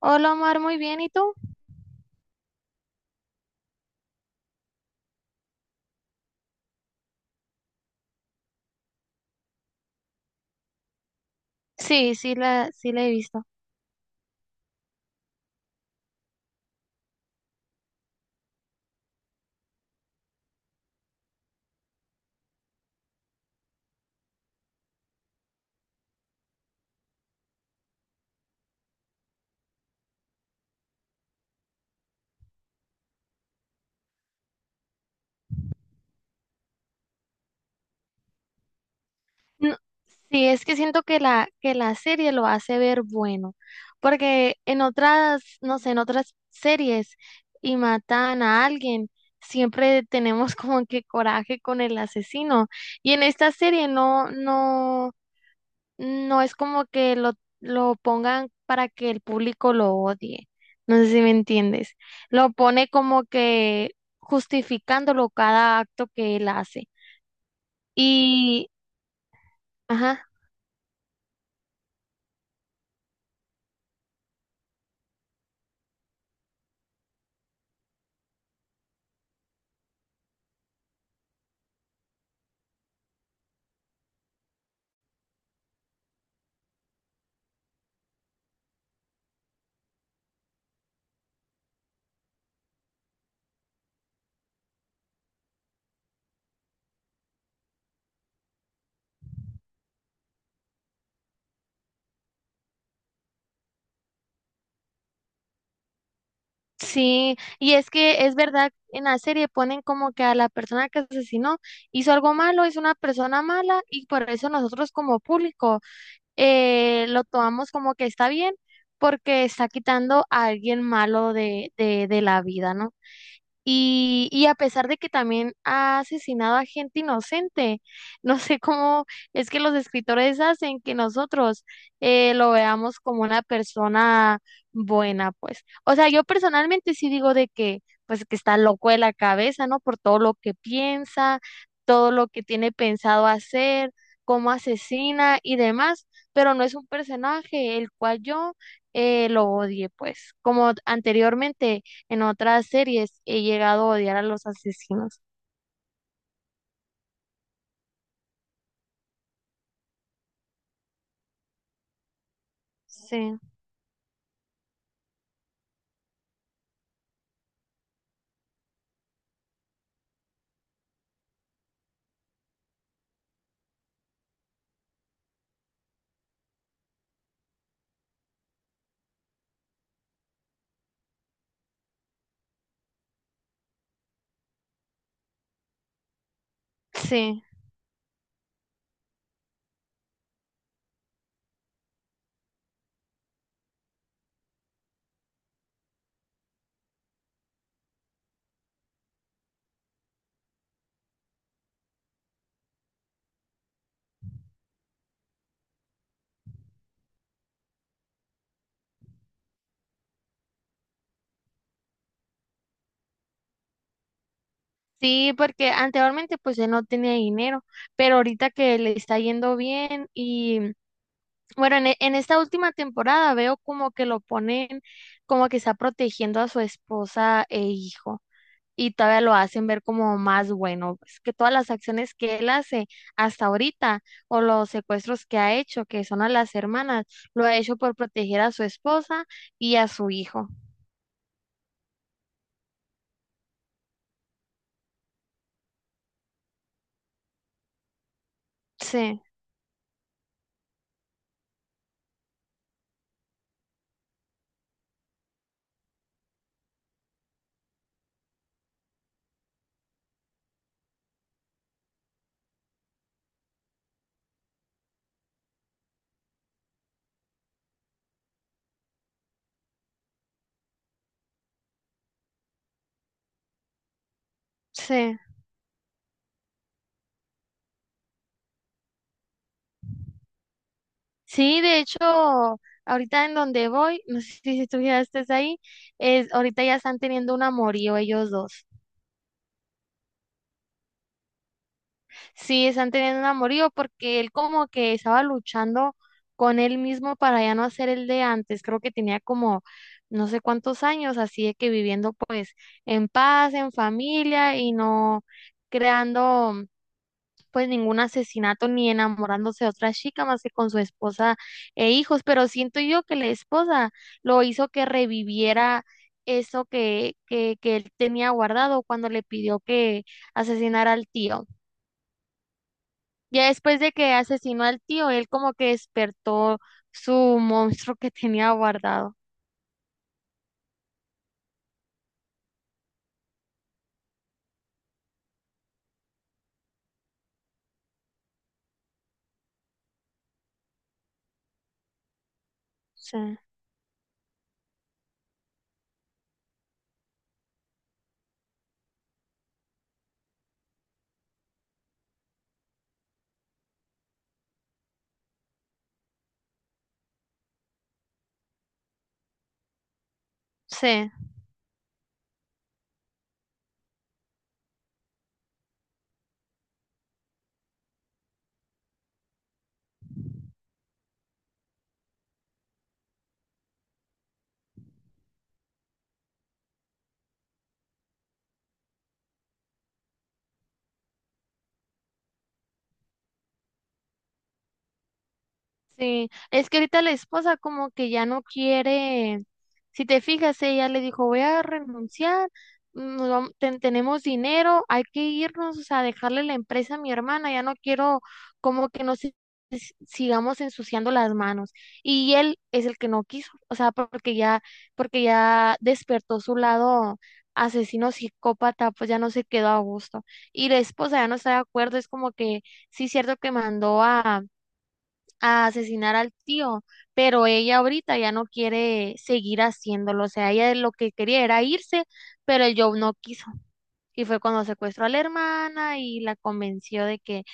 Hola Omar, muy bien, ¿y tú? Sí, la he visto. No, sí, es que siento que la serie lo hace ver bueno, porque en otras, no sé, en otras series y matan a alguien, siempre tenemos como que coraje con el asesino, y en esta serie no. No es como que lo pongan para que el público lo odie. No sé si me entiendes. Lo pone como que justificándolo cada acto que él hace. Y, ajá, sí, y es que es verdad, en la serie ponen como que a la persona que asesinó hizo algo malo, es una persona mala y por eso nosotros como público lo tomamos como que está bien porque está quitando a alguien malo de la vida, ¿no? Y a pesar de que también ha asesinado a gente inocente, no sé cómo es que los escritores hacen que nosotros lo veamos como una persona buena, pues. O sea, yo personalmente sí digo de que, pues, que está loco de la cabeza, ¿no? Por todo lo que piensa, todo lo que tiene pensado hacer, cómo asesina y demás, pero no es un personaje el cual yo lo odie, pues. Como anteriormente. En otras series he llegado a odiar a los asesinos. Sí, sí, sí, porque anteriormente pues él no tenía dinero, pero ahorita que le está yendo bien y bueno, en esta última temporada veo como que lo ponen como que está protegiendo a su esposa e hijo y todavía lo hacen ver como más bueno, pues que todas las acciones que él hace hasta ahorita o los secuestros que ha hecho, que son a las hermanas, lo ha hecho por proteger a su esposa y a su hijo. Sí, sí. Sí, de hecho, ahorita en donde voy, no sé si tú ya estés ahí, es, ahorita ya están teniendo un amorío ellos dos. Sí, están teniendo un amorío porque él como que estaba luchando con él mismo para ya no ser el de antes. Creo que tenía como no sé cuántos años, así de que viviendo pues en paz, en familia y no creando pues ningún asesinato ni enamorándose de otra chica más que con su esposa e hijos, pero siento yo que la esposa lo hizo que reviviera eso que él tenía guardado cuando le pidió que asesinara al tío. Ya después de que asesinó al tío, él como que despertó su monstruo que tenía guardado. Sí, sí. Sí, es que ahorita la esposa como que ya no quiere, si te fijas, ella le dijo, voy a renunciar, tenemos dinero, hay que irnos, o sea, dejarle la empresa a mi hermana, ya no quiero como que nos si- si- sigamos ensuciando las manos. Y él es el que no quiso, o sea, porque ya despertó su lado asesino psicópata, pues ya no se quedó a gusto. Y la esposa ya no está de acuerdo, es como que sí es cierto que mandó a asesinar al tío, pero ella ahorita ya no quiere seguir haciéndolo, o sea, ella lo que quería era irse, pero el Joe no quiso. Y fue cuando secuestró a la hermana y la convenció de que,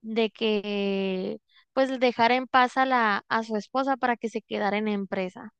de que, pues dejara en paz a su esposa para que se quedara en la empresa,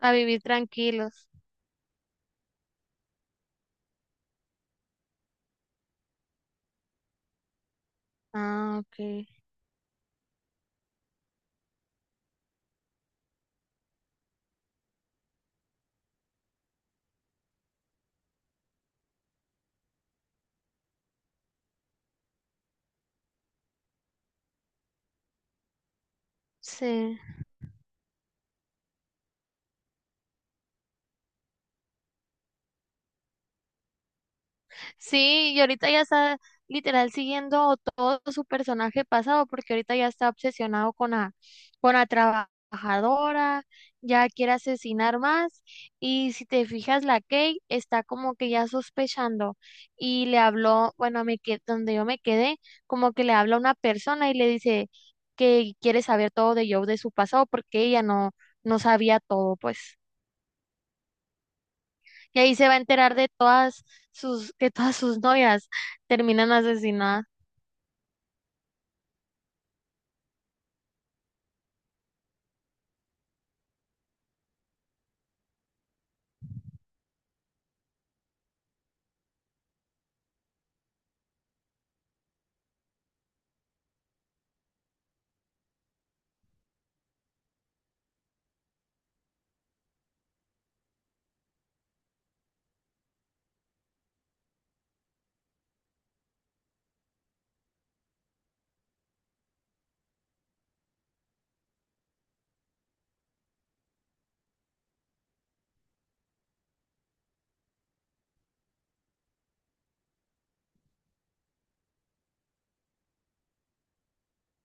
a vivir tranquilos. Ah, ok. Sí. Sí, y ahorita ya está literal siguiendo todo su personaje pasado, porque ahorita ya está obsesionado con la trabajadora, ya quiere asesinar más, y si te fijas, la Kate está como que ya sospechando, y le habló, bueno, me que donde yo me quedé, como que le habla a una persona y le dice que quiere saber todo de Joe, de su pasado, porque ella no sabía todo, pues. Y ahí se va a enterar de todas sus, que todas sus novias terminan asesinadas.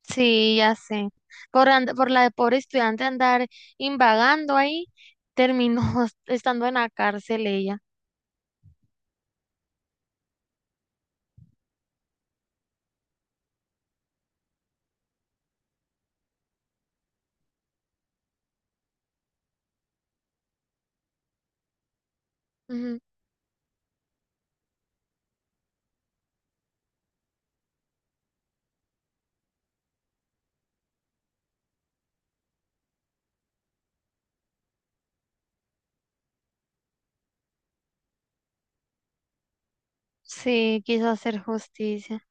Sí, ya sé. Por la de pobre estudiante andar invagando ahí, terminó estando en la cárcel ella. Ujú. Sí, quiso hacer justicia.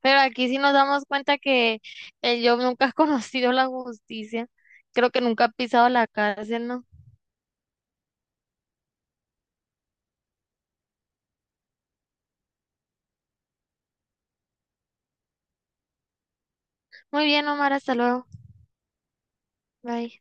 Pero aquí sí nos damos cuenta que el Job nunca ha conocido la justicia. Creo que nunca ha pisado la cárcel, ¿no? Muy bien, Omar, hasta luego. Bye.